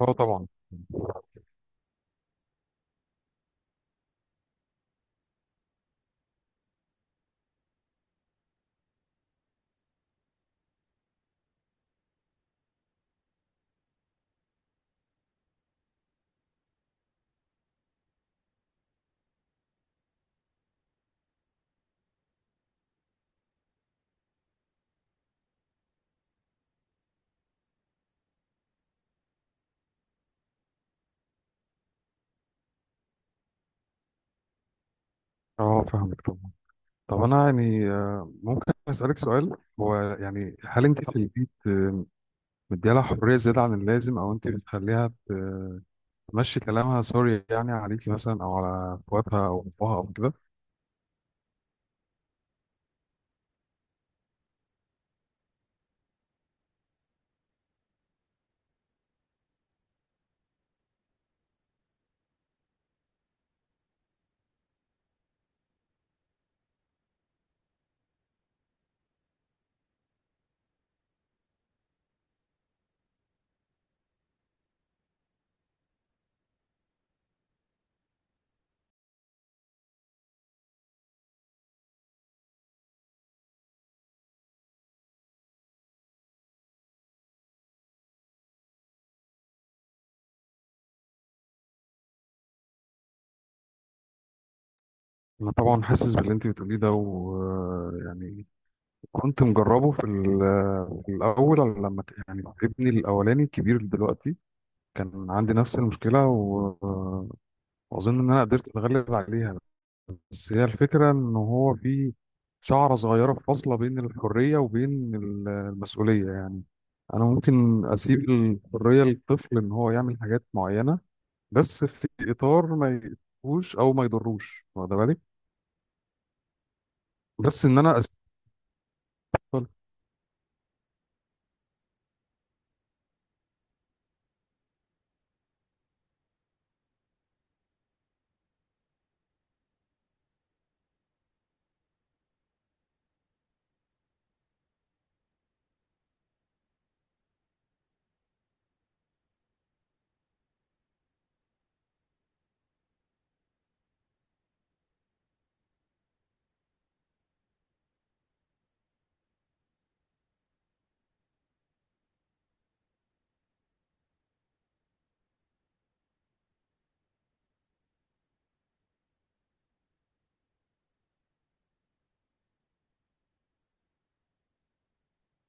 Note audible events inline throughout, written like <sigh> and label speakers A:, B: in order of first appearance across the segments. A: اه، طبعا. اه، فاهمك طبعا. طب انا يعني ممكن اسالك سؤال، هو يعني هل انت في البيت مديها لها حريه زياده عن اللازم او انت بتخليها تمشي كلامها؟ سوري يعني، عليكي مثلا او على اخواتها او ابوها او كده. انا طبعا حاسس باللي انت بتقوليه ده، ويعني كنت مجربه في الاول لما يعني ابني الاولاني الكبير دلوقتي كان عندي نفس المشكله واظن ان انا قدرت اتغلب عليها. بس هي الفكرة إن هو في شعرة صغيرة فاصلة بين الحرية وبين المسؤولية، يعني أنا ممكن أسيب الحرية للطفل إن هو يعمل حاجات معينة، بس في إطار ما يأذوش أو ما يضروش، واخد بالك؟ بس إن أنا أسيب الطفل.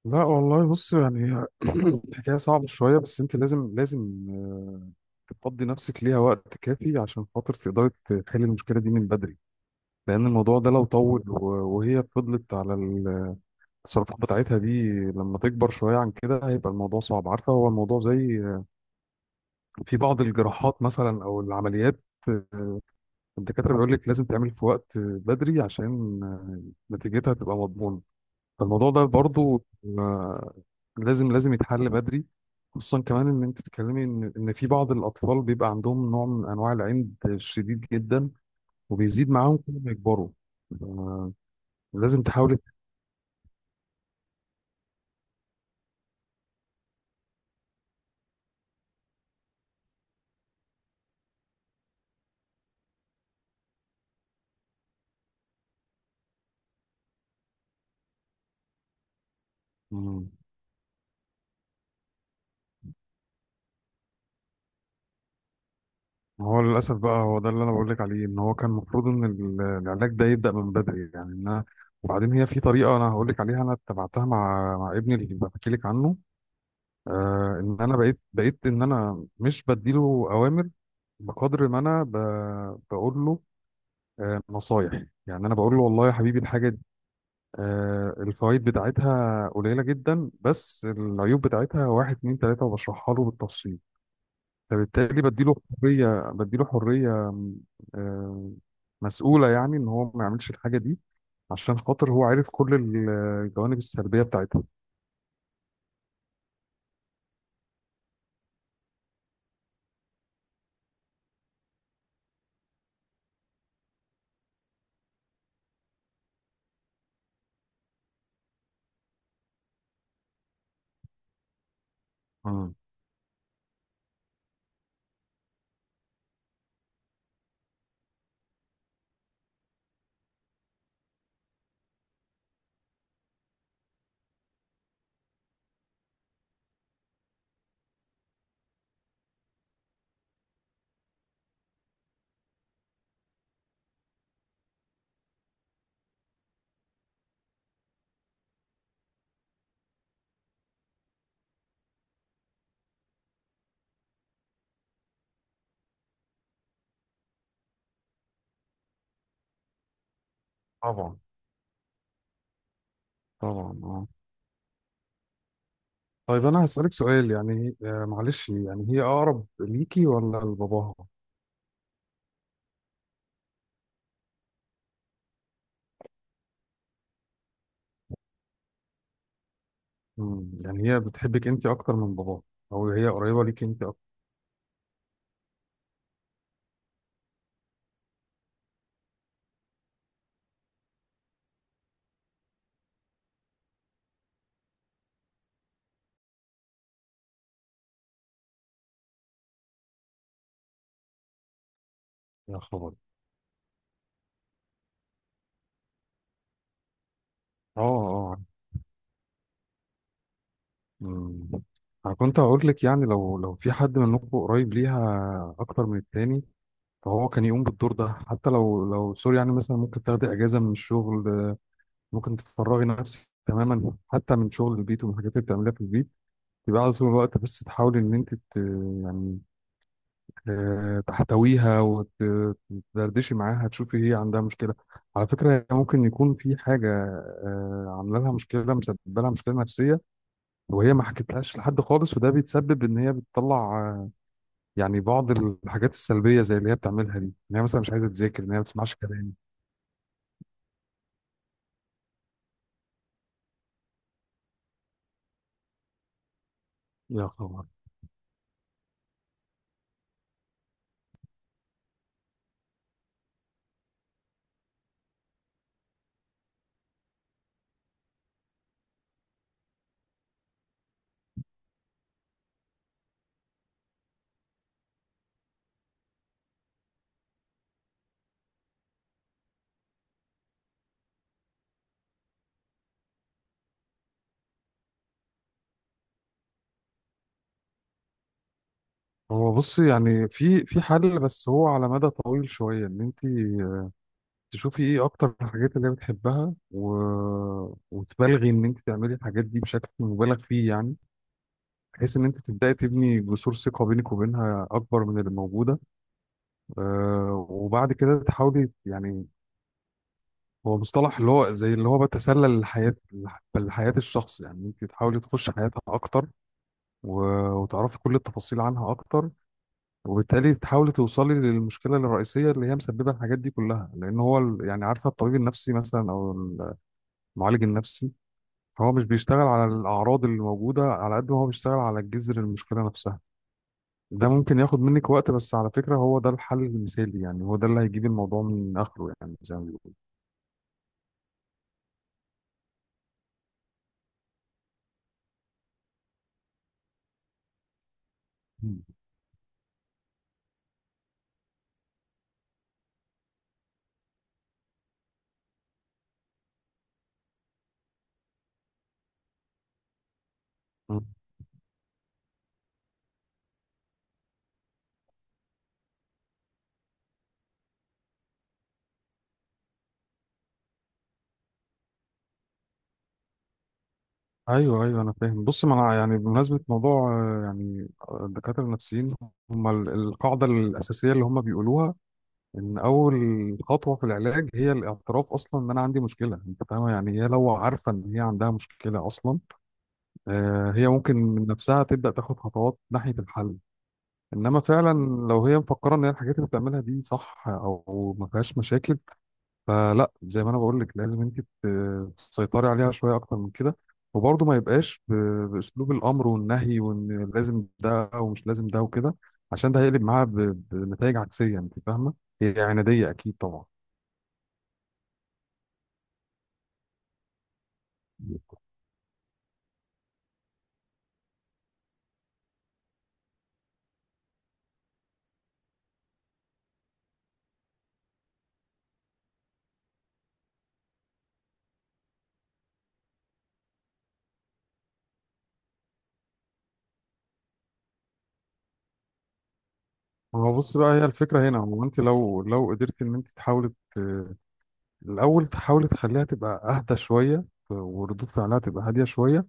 A: لا والله بص، يعني هي <clears throat> الحكاية صعبة شوية، بس أنت لازم لازم تفضي نفسك ليها وقت كافي عشان خاطر تقدري تحلي المشكلة دي من بدري، لأن الموضوع ده لو طول وهي فضلت على الصرافة بتاعتها دي لما تكبر شوية عن كده، هيبقى الموضوع صعب، عارفة؟ هو الموضوع زي في بعض الجراحات مثلا أو العمليات، آه، الدكاترة بيقول لك لازم تعمل في وقت بدري عشان نتيجتها تبقى مضمونة. فالموضوع ده برضو آه، لازم لازم يتحل بدري، خصوصا كمان إن أنت بتتكلمي إن في بعض الأطفال بيبقى عندهم نوع من أنواع العند الشديد جدا وبيزيد معاهم كل ما يكبروا. آه، لازم تحاولي. ما هو للأسف بقى، هو ده اللي أنا بقول لك عليه، إن هو كان المفروض إن العلاج ده يبدأ من بدري، يعني إن أنا. وبعدين هي في طريقة أنا هقول لك عليها، أنا اتبعتها مع ابني اللي بحكي لك عنه، إن أنا بقيت بقيت إن أنا مش بديله أوامر بقدر ما أنا بقول له نصايح. يعني أنا بقول له والله يا حبيبي الحاجة دي الفوائد بتاعتها قليلة جدا، بس العيوب بتاعتها واحد اتنين تلاتة، وبشرحها له بالتفصيل. فبالتالي بديله حرية آه، مسؤولة، يعني إن هو ما يعملش الحاجة دي عشان خاطر هو عارف كل الجوانب السلبية بتاعتها. مم. طبعا، طبعا، اه. طيب أنا هسألك سؤال، يعني معلش، يعني هي أقرب ليكي ولا لباباها؟ مم، يعني هي بتحبك أنت أكتر من باباها، أو هي قريبة ليكي أنت أكتر؟ يا خبر. اه، اه. مم. أنا كنت هقول لك يعني لو في حد منكم قريب ليها أكتر من التاني فهو كان يقوم بالدور ده، حتى لو سوري يعني، مثلا ممكن تاخدي اجازه من الشغل، ممكن تفرغي نفسك تماما حتى من شغل البيت ومن الحاجات اللي بتعمليها في البيت، تبقى على طول الوقت، بس تحاولي ان انت يعني تحتويها وتدردشي معاها تشوفي هي عندها مشكله. على فكره هي ممكن يكون في حاجه عامله لها مشكله، مسببه لها مشكله نفسيه وهي ما حكتلهاش لحد خالص، وده بيتسبب ان هي بتطلع يعني بعض الحاجات السلبيه زي اللي هي بتعملها دي، ان هي مثلا مش عايزه تذاكر، ان هي ما بتسمعش كلام. يا خبر. هو بص يعني في في حل، بس هو على مدى طويل شوية، ان انت تشوفي ايه اكتر الحاجات اللي هي بتحبها وتبالغي ان انت تعملي الحاجات دي بشكل مبالغ فيه، يعني بحيث ان انت تبداي تبني جسور ثقة بينك وبينها اكبر من اللي موجودة. وبعد كده تحاولي، يعني هو مصطلح اللي هو زي اللي هو بتسلل الحياة لحياة الشخص، يعني انت تحاولي تخش حياتها اكتر و... وتعرفي كل التفاصيل عنها اكتر، وبالتالي تحاولي توصلي للمشكله الرئيسيه اللي هي مسببه الحاجات دي كلها، لان هو يعني عارفه الطبيب النفسي مثلا او المعالج النفسي هو مش بيشتغل على الاعراض اللي موجوده على قد ما هو بيشتغل على جذر المشكله نفسها. ده ممكن ياخد منك وقت، بس على فكره هو ده الحل المثالي، يعني هو ده اللي هيجيب الموضوع من اخره، يعني زي ما بيقولوا. مم. مم. ايوه، ايوه، انا فاهم. بص، ما انا يعني بمناسبه موضوع يعني الدكاتره النفسيين هم القاعده الاساسيه اللي هم بيقولوها ان اول خطوه في العلاج هي الاعتراف اصلا ان انا عندي مشكله، انت فاهمه؟ يعني هي لو عارفه ان هي عندها مشكله اصلا هي ممكن من نفسها تبدا تاخد خطوات ناحيه الحل. انما فعلا لو هي مفكره ان هي الحاجات اللي بتعملها دي صح او ما فيهاش مشاكل، فلا زي ما انا بقول لك، لازم انت تسيطري عليها شويه اكتر من كده، وبرضه ما يبقاش باسلوب الامر والنهي وان لازم ده ومش لازم ده وكده، عشان ده هيقلب معاها بنتائج عكسيه، انت فاهمه؟ هي عناديه اكيد طبعا. ما هو بص بقى، هي الفكرة هنا هو انت لو قدرت ان انت تحاولي ت- الاول تحاولي تخليها تبقى اهدى شوية وردود فعلها تبقى هادية شوية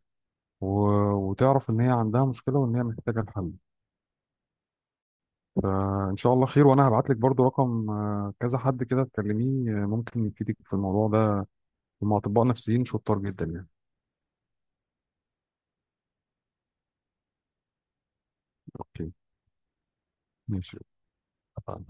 A: و... وتعرف ان هي عندها مشكلة وان هي محتاجة الحل. ان شاء الله خير، وانا هبعت لك برضو رقم كذا حد كده تكلميه، ممكن يفيدك في الموضوع ده، هم اطباء نفسيين شطار جدا يعني. اوكي. ماشي. اتفقنا.